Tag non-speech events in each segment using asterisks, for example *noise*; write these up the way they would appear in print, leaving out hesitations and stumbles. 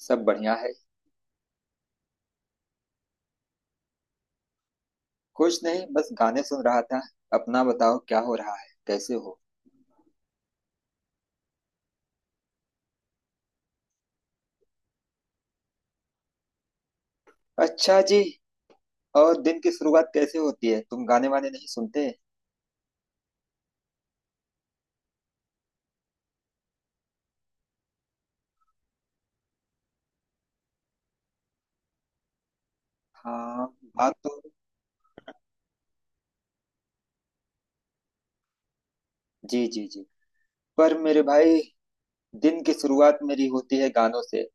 सब बढ़िया है। कुछ नहीं बस गाने सुन रहा था। अपना बताओ क्या हो रहा है, कैसे हो। अच्छा जी। और दिन की शुरुआत कैसे होती है, तुम गाने वाने नहीं सुनते। हाँ बात तो। जी जी जी। पर मेरे भाई दिन की शुरुआत मेरी होती है गानों से।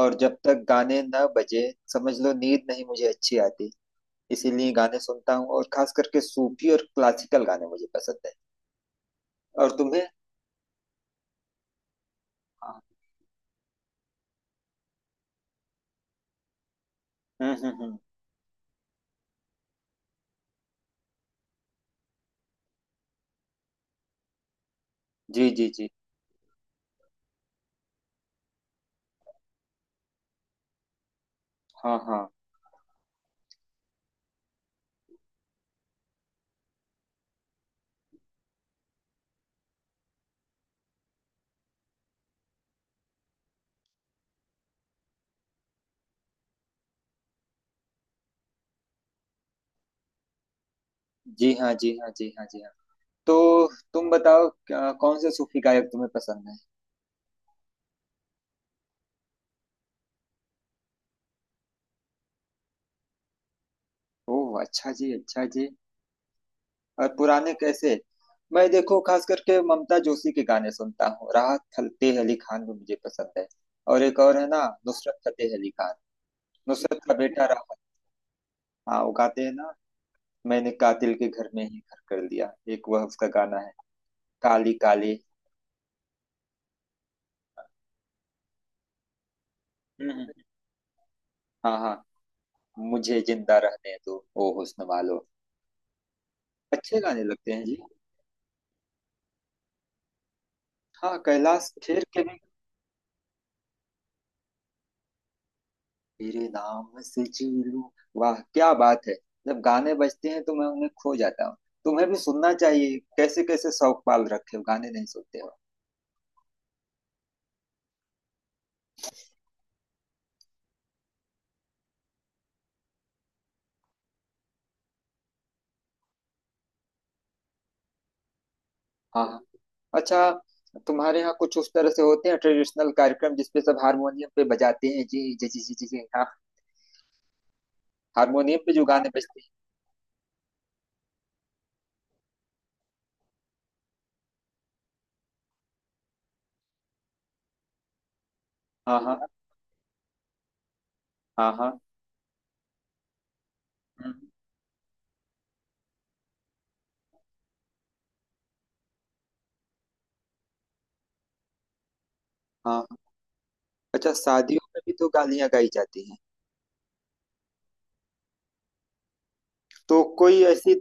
और जब तक गाने न बजे समझ लो नींद नहीं मुझे अच्छी आती। इसीलिए गाने सुनता हूँ, और खास करके सूफी और क्लासिकल गाने मुझे पसंद है। और तुम्हें? हाँ। हम्म। जी जी जी। हाँ हाँ। जी हाँ जी हाँ जी हाँ जी हाँ। तो तुम बताओ कौन से सूफी गायक तुम्हें पसंद है। ओह अच्छा जी, अच्छा जी। और पुराने कैसे? मैं देखो खास करके ममता जोशी के गाने सुनता हूँ। राहत फतेह अली खान भी मुझे पसंद है। और एक और है ना, नुसरत फतेह अली खान। नुसरत का बेटा राहत। हाँ वो गाते हैं ना। मैंने कातिल के घर में ही घर कर दिया, एक वह उसका गाना है। काली काली। हम्म हम्म, हाँ हाँ। मुझे जिंदा रहने दो ओ हुस्न वालो। अच्छे गाने लगते हैं जी। हाँ कैलाश खेर के भी। तेरे नाम से जी लूं। वाह क्या बात है। जब गाने बजते हैं तो मैं उन्हें खो जाता हूँ। तुम्हें भी सुनना चाहिए, कैसे कैसे शौक पाल रखे हो, गाने नहीं सुनते हो। हाँ हाँ। अच्छा तुम्हारे यहाँ कुछ उस तरह से होते हैं ट्रेडिशनल कार्यक्रम जिसपे सब हारमोनियम पे बजाते हैं। जी जी जी जी जी जी, हाँ। हारमोनियम पे जो गाने बजते हैं। हाँ हाँ हाँ हाँ। हम्म, हाँ हाँ। अच्छा शादियों में भी तो गालियां गाई जाती हैं। तो कोई ऐसी,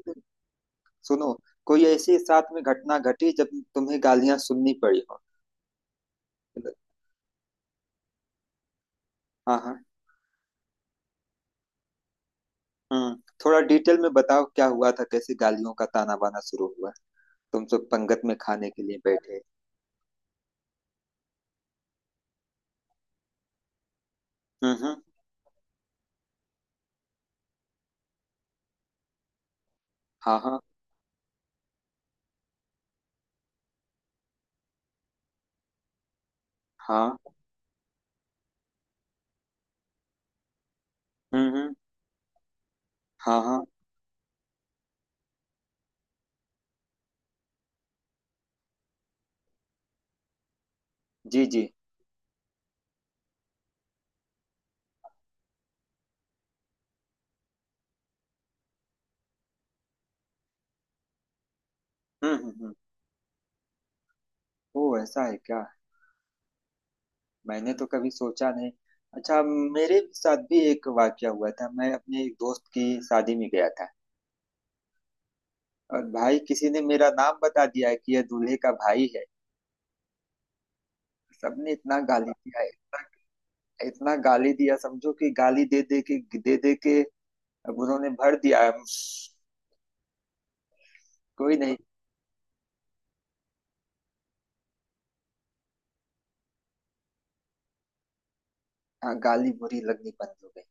सुनो, कोई ऐसी साथ में घटना घटी जब तुम्हें गालियां सुननी पड़ी हो। हाँ हाँ। हम्म। थोड़ा डिटेल में बताओ क्या हुआ था, कैसे गालियों का ताना बाना शुरू हुआ। तुम सब पंगत में खाने के लिए बैठे। हम्म। हाँ हाँ हाँ। हम्म। हाँ हाँ। जी जी। हम्म। ओ ऐसा है क्या। मैंने तो कभी सोचा नहीं। अच्छा मेरे साथ भी एक वाकया हुआ था, मैं अपने एक दोस्त की शादी में गया था। और भाई किसी ने मेरा नाम बता दिया कि यह दूल्हे का भाई है। सबने इतना गाली दिया, इतना इतना गाली दिया, समझो कि गाली दे दे के अब उन्होंने भर दिया है। कोई नहीं। हाँ गाली बुरी लगनी बंद हो गई।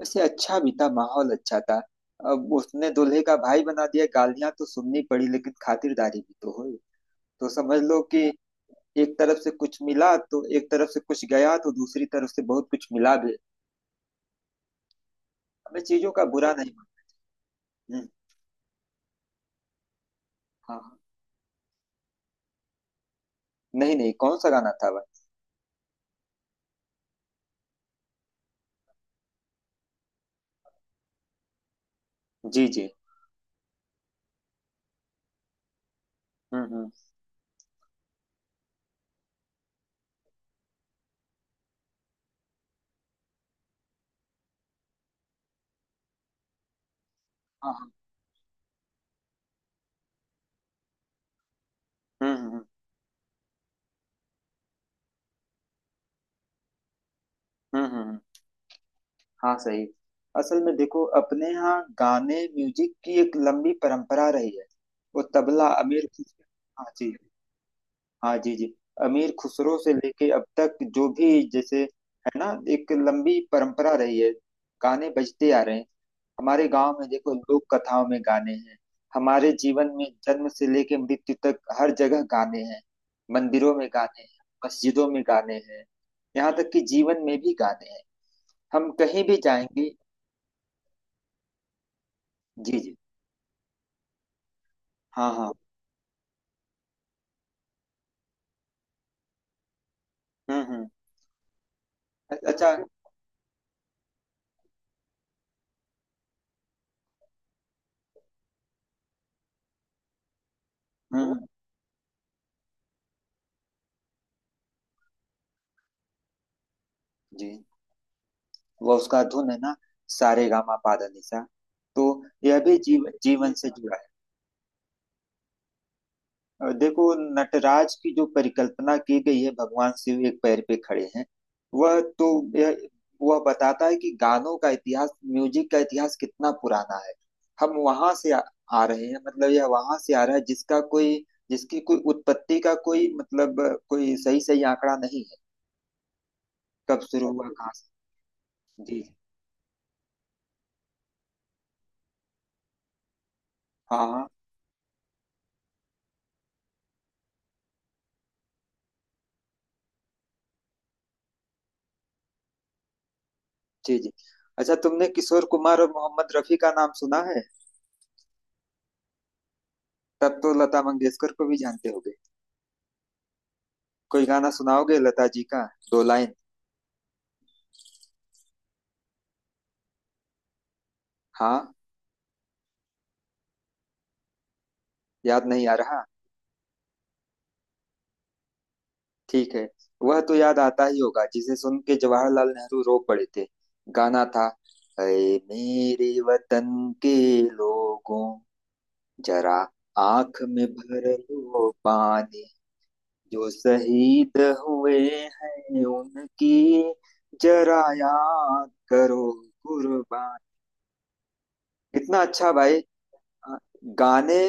वैसे अच्छा भी था, माहौल अच्छा था। अब उसने दूल्हे का भाई बना दिया, गालियां तो सुननी पड़ी लेकिन खातिरदारी भी तो हुई। तो समझ लो कि एक तरफ से कुछ मिला तो एक तरफ से कुछ गया तो दूसरी तरफ से बहुत कुछ मिला भी। हमें चीजों का बुरा नहीं माना। हम्म, हाँ हाँ। नहीं नहीं कौन सा गाना था वह। जी जी। हम्म। हाँ हाँ। हम्म हम्म हम्म। हाँ सही। असल में देखो अपने यहाँ गाने म्यूजिक की एक लंबी परंपरा रही है। वो तबला, अमीर खुस हाँ जी। हाँ जी जी। अमीर खुसरो से लेके अब तक जो भी जैसे, है ना, एक लंबी परंपरा रही है। गाने बजते आ रहे हैं। हमारे गांव में देखो लोक कथाओं में गाने हैं। हमारे जीवन में जन्म से लेके मृत्यु तक हर जगह गाने हैं। मंदिरों में गाने हैं। मस्जिदों में गाने हैं। यहाँ तक कि जीवन में भी गाने हैं। हम कहीं भी जाएंगे। जी जी। हाँ हाँ। हम्म। अच्छा। हम्म, जी। वो उसका धुन है ना। सारे गामा पा धा नि सा। तो यह भी जीवन से जुड़ा है। और देखो नटराज की जो परिकल्पना की गई है, भगवान शिव एक पैर पे खड़े हैं। वह तो, यह वह बताता है कि गानों का इतिहास, म्यूजिक का इतिहास कितना पुराना है। हम वहां से आ रहे हैं, मतलब यह वहां से आ रहा है जिसका कोई, जिसकी कोई उत्पत्ति का कोई मतलब, कोई सही सही आंकड़ा नहीं है। कब शुरू हुआ, कहाँ से। जी। हाँ हाँ। जी जी। अच्छा तुमने किशोर कुमार और मोहम्मद रफी का नाम सुना है। तब तो लता मंगेशकर को भी जानते होगे। कोई गाना सुनाओगे लता जी का, दो लाइन। हाँ। याद नहीं आ रहा। ठीक है। वह तो याद आता ही होगा जिसे सुन के जवाहरलाल नेहरू रो पड़े थे। गाना था, ऐ मेरे वतन के लोगों, जरा आंख में भर लो पानी, जो शहीद हुए हैं उनकी जरा याद करो कुर्बान। कितना अच्छा भाई। अ, गाने,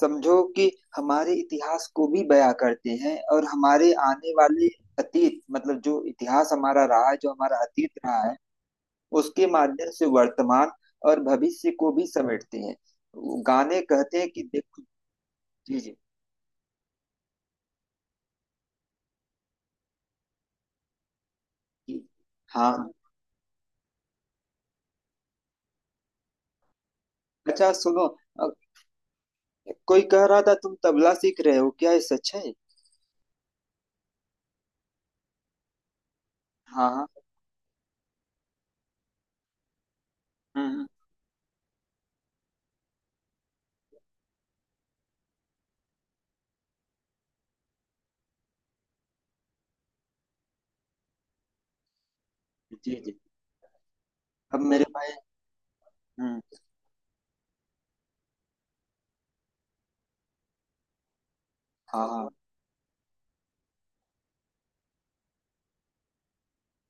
समझो कि हमारे इतिहास को भी बयां करते हैं, और हमारे आने वाले अतीत, मतलब जो इतिहास हमारा रहा है, जो हमारा अतीत रहा है उसके माध्यम से वर्तमान और भविष्य को भी समेटते हैं। वो गाने कहते हैं कि देखो। जी जी जी। हाँ। अच्छा सुनो, कोई कह रहा था तुम तबला सीख रहे हो क्या, ये सच है? हाँ हाँ। हम्म हम्म। जी जी। अब मेरे भाई। हम्म। हाँ हाँ।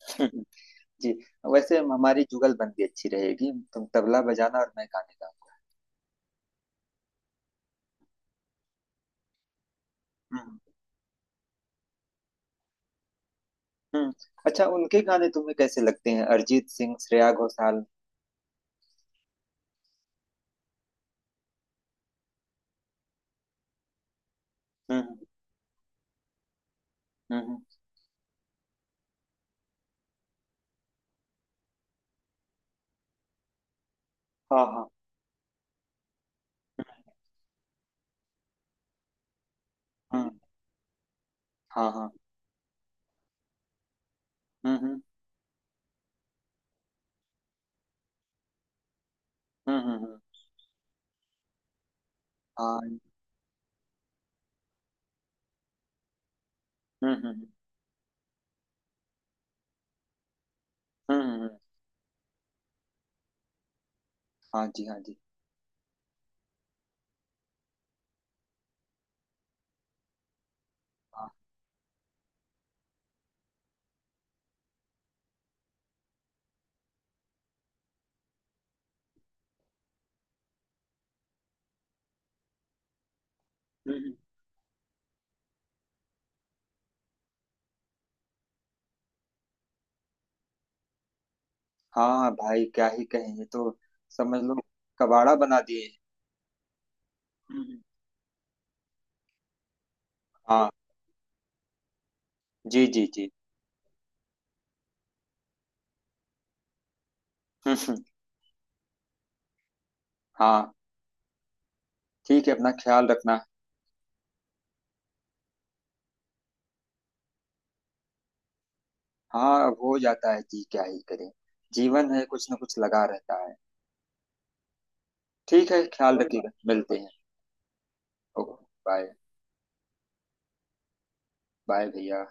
हम्म, जी। वैसे हमारी जुगलबंदी अच्छी रहेगी, तुम तबला बजाना और मैं गाने गाऊंगा। हम्म हम्म। अच्छा उनके गाने तुम्हें कैसे लगते हैं, अरिजीत सिंह, श्रेया घोषाल। हम्म हम्म हम्म। हाँ हाँ। हम्म। हाँ हाँ। हम्म हम्म हम्म हम्म, हम्म। हाँ। हम्म हम्म हम्म, हम्म, हम्म, हम्म। हाँ जी हाँ जी हाँ। हम्म हम्म। हाँ भाई क्या ही कहें, ये तो समझ लो कबाड़ा बना दिए। हम्म, हाँ। जी जी जी। *laughs* हम्म, हम्म, हाँ। ठीक है अपना ख्याल रखना। हाँ अब हो जाता है जी, क्या ही करें। जीवन है, कुछ ना कुछ लगा रहता है। ठीक है, ख्याल रखिएगा, मिलते हैं। Okay bye. बाय भैया।